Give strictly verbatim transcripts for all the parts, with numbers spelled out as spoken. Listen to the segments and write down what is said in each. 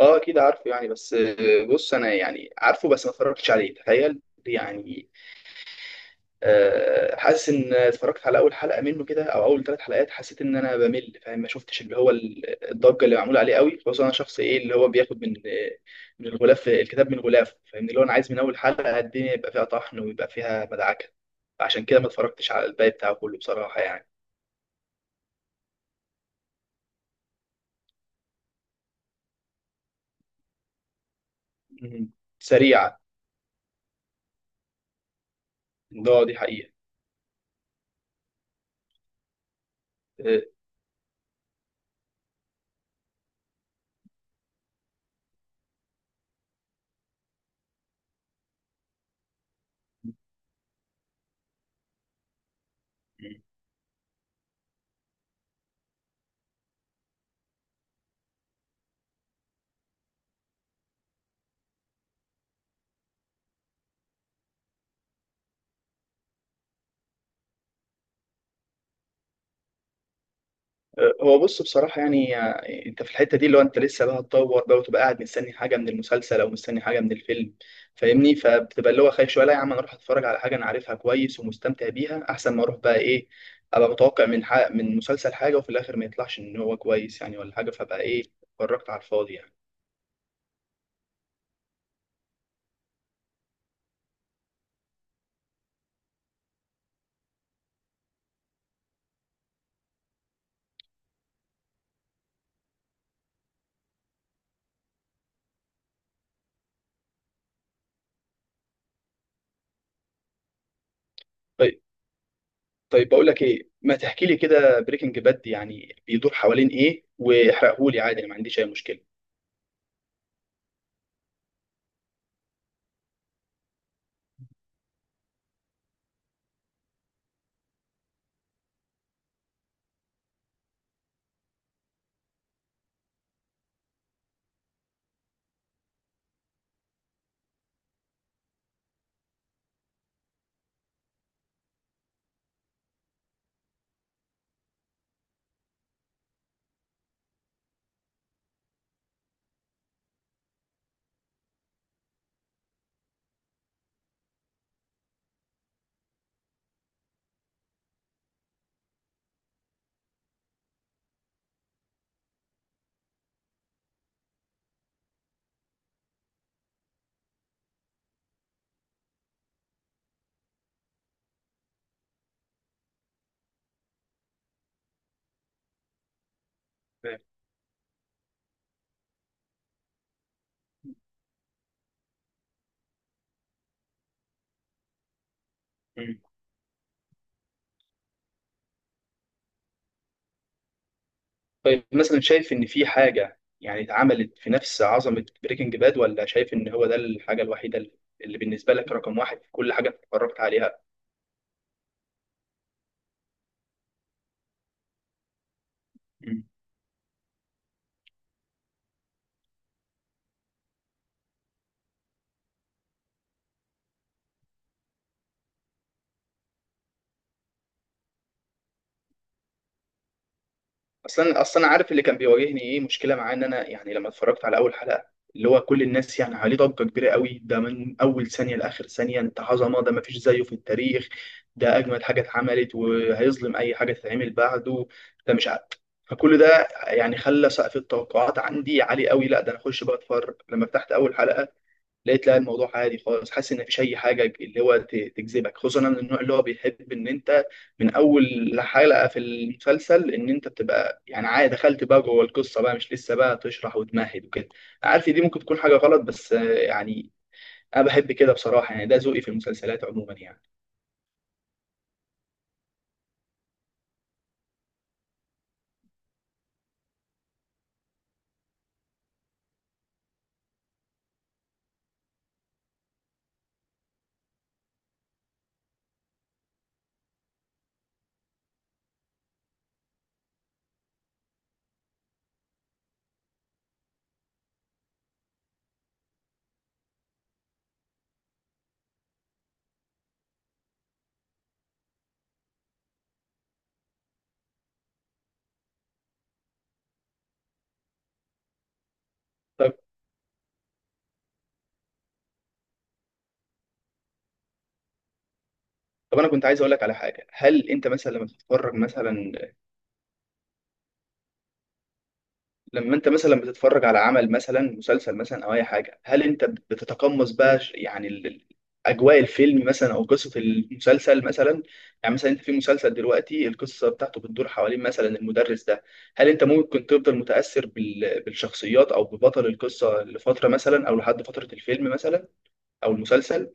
اه، اكيد عارفه، يعني بس آه، بص انا يعني عارفه بس ما اتفرجتش عليه، تخيل. يعني، آه، حاسس ان اتفرجت على اول حلقه منه كده او اول ثلاث حلقات، حسيت ان انا بمل فاهم. ما شفتش اللي هو ال- الضجه اللي معموله عليه قوي، خصوصا انا شخص ايه اللي هو بياخد من من الغلاف الكتاب من غلافه فاهمني، اللي هو انا عايز من اول حلقه الدنيا يبقى فيها طحن ويبقى فيها مدعكه. عشان كده ما اتفرجتش على الباقي بتاعه كله بصراحه يعني. مم. سريعه. ده دي حقيقه. آه، هو بص بصراحة يعني، آه، انت في الحتة دي اللي هو انت لسه بقى هتطور بقى وتبقى قاعد مستني حاجة من المسلسل او مستني حاجة من الفيلم فاهمني، فبتبقى اللي هو خايف شوية. لا يا عم، انا اروح اتفرج على حاجة انا عارفها كويس ومستمتع بيها احسن ما اروح بقى ايه ابقى متوقع من حق من مسلسل حاجة وفي الاخر ما يطلعش ان هو كويس يعني ولا حاجة، فبقى ايه اتفرجت على الفاضي يعني. طيب. طيب بقول لك ايه، ما تحكي لي كده بريكنج باد يعني بيدور حوالين ايه؟ واحرقهولي عادي، انا ما عنديش اي مشكلة. تمام. طيب مثلا شايف ان في حاجه يعني اتعملت في نفس عظمه بريكنج باد، ولا شايف ان هو ده الحاجه الوحيده اللي بالنسبه لك رقم واحد في كل حاجه اتفرجت عليها؟ اصلا اصلا عارف اللي كان بيواجهني ايه مشكله معاه؟ ان انا يعني لما اتفرجت على اول حلقه، اللي هو كل الناس يعني عليه ضجه كبيره قوي، ده من اول ثانيه لاخر ثانيه انت عظمه، ده مفيش زيه في التاريخ، ده اجمد حاجه اتعملت وهيظلم اي حاجه تتعمل بعده، ده مش عارف. فكل ده يعني خلى سقف التوقعات عندي عالي قوي. لا، ده انا اخش بقى اتفرج، لما فتحت اول حلقه لقيت لا الموضوع عادي خالص. حاسس ان مفيش اي حاجه اللي هو ت- تجذبك، خصوصا انا من النوع اللي هو بيحب ان انت من اول حلقه في المسلسل ان انت بتبقى يعني عادي، دخلت بقى جوه القصه بقى، مش لسه بقى تشرح وتمهد وكده. عارف دي ممكن تكون حاجه غلط، بس آه، يعني انا بحب كده بصراحه يعني، ده ذوقي في المسلسلات عموما يعني. طب. طب انا كنت عايز اقول لك على حاجه، هل انت مثلا لما بتتفرج مثلا، لما انت مثلا بتتفرج على عمل مثلا مسلسل مثلا او اي حاجه، هل انت بتتقمص بقى ش- يعني ال- ال- اجواء الفيلم مثلا او قصه المسلسل مثلا؟ يعني مثلا انت في مسلسل دلوقتي القصه بتاعته بتدور حوالين مثلا المدرس ده، هل انت ممكن تفضل متاثر بال- بالشخصيات او ببطل القصه لفتره مثلا، او لحد فتره الفيلم مثلا او المسلسل؟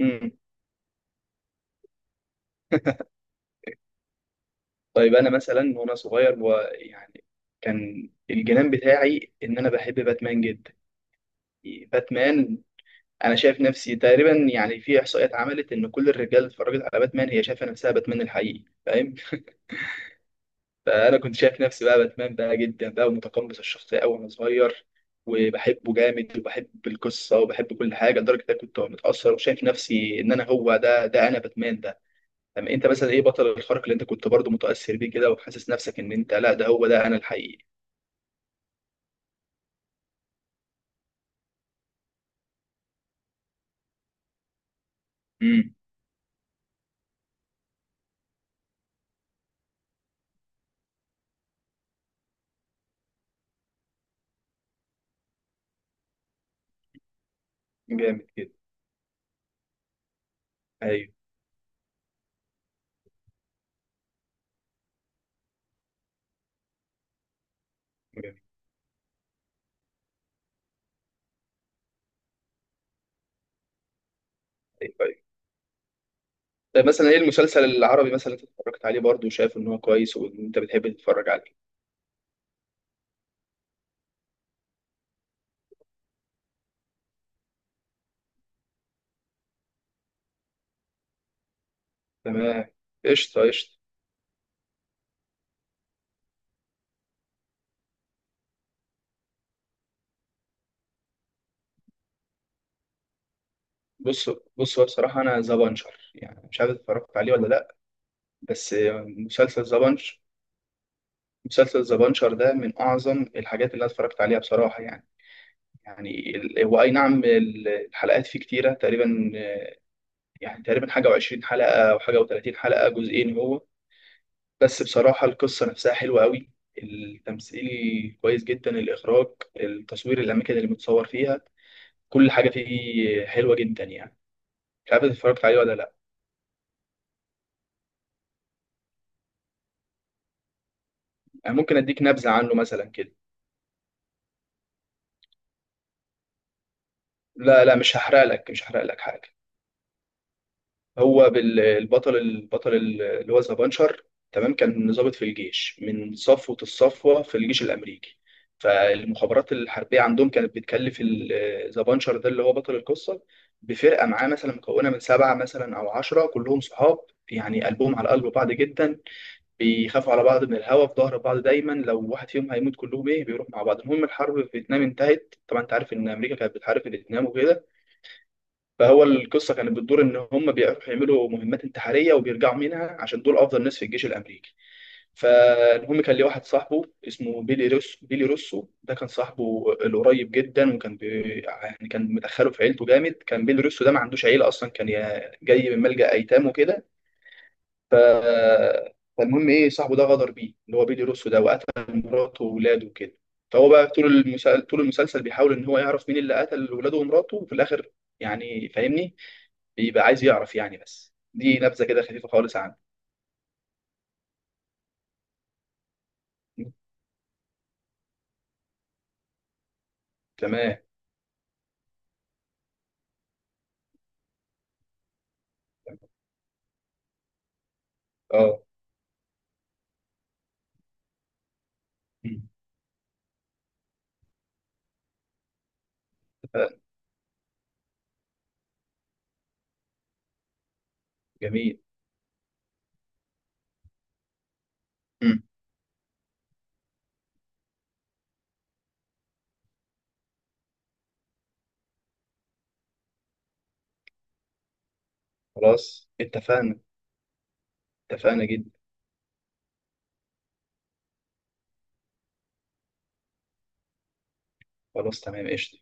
امم. طيب انا مثلا وانا صغير ويعني كان الجنان بتاعي ان انا بحب باتمان جدا. باتمان، انا شايف نفسي تقريبا يعني في احصائيات عملت ان كل الرجاله اللي اتفرجت على باتمان هي شايفه نفسها باتمان الحقيقي فاهم. فانا كنت شايف نفسي بقى باتمان بقى جدا بقى، ومتقمص الشخصيه قوي وانا صغير، وبحبه جامد وبحب القصه وبحب كل حاجه لدرجه ان أنا كنت متاثر وشايف نفسي ان انا هو ده، ده انا باتمان ده. طب انت مثلا ايه بطل الخارق اللي انت كنت برضه متاثر بيه كده وحاسس نفسك ان انت لا ده هو ده انا الحقيقي؟ امم. جامد كده. ايوه. جامد. أيوة. مثلا ايه المسلسل العربي مثلا اللي اتفرجت عليه برضه وشايف ان هو كويس وانت بتحب تتفرج عليه؟ تمام. قشطه، قشطه. بص، بص هو بصراحه انا ذا بانشر يعني، مش عارف اتفرجت عليه ولا لا بس، مسلسل ذا بانش مسلسل ذا بانشر ده من اعظم الحاجات اللي انا اتفرجت عليها بصراحه يعني. يعني ال- هو اي نعم ال- الحلقات فيه كتيره تقريبا، يعني تقريبا حاجه و20 حلقه او حاجه و30 حلقه، جزئين هو. بس بصراحة القصة نفسها حلوة قوي، التمثيل كويس جدا، الإخراج، التصوير، الأماكن اللي متصور فيها، كل حاجة فيه حلوة جدا يعني. مش عارف إذا اتفرجت عليه ولا لأ. أنا ممكن أديك نبذة عنه مثلا كده. لا لا، مش هحرق لك، مش هحرق لك حاجة. هو بال- البطل، البطل اللي هو ذا بانشر، تمام، كان ضابط في الجيش من صفوة الصفوة في الجيش الأمريكي. فالمخابرات الحربية عندهم كانت بتكلف ال- ذا بانشر ده اللي هو بطل القصة بفرقة معاه مثلا مكونة من سبعة مثلا أو عشرة، كلهم صحاب. يعني قلبهم على قلب بعض جدا، بيخافوا على بعض، من الهوا في ظهر بعض دايما، لو واحد فيهم هيموت كلهم ايه بيروح مع بعض. المهم الحرب في فيتنام انتهت طبعا، انت عارف ان امريكا كانت بتحارب في فيتنام وكده. فهو القصه كانت بتدور ان هم بيروحوا يعملوا مهمات انتحاريه وبيرجعوا منها، عشان دول افضل ناس في الجيش الامريكي. فالمهم كان ليه واحد صاحبه اسمه بيلي روسو. بيلي روسو ده كان صاحبه القريب جدا، وكان بي... يعني كان مدخله في عيلته جامد. كان بيلي روسو ده ما عندوش عيله اصلا، كان يا- جاي من ملجأ ايتام وكده. ف- فالمهم ايه، صاحبه ده غدر بيه اللي هو بيلي روسو ده، وقتل مراته وولاده وكده. فهو بقى طول المسلسل، طول المسلسل بيحاول ان هو يعرف مين اللي قتل ولاده ومراته، وفي الاخر يعني فاهمني بيبقى عايز يعرف يعني، بس دي نبذه كده خفيفه خالص عنه. مم. تمام. تمام. اه. مم. اتفقنا. جميل. مم. خلاص اتفقنا، اتفقنا جدا. خلاص تمام، قشطه.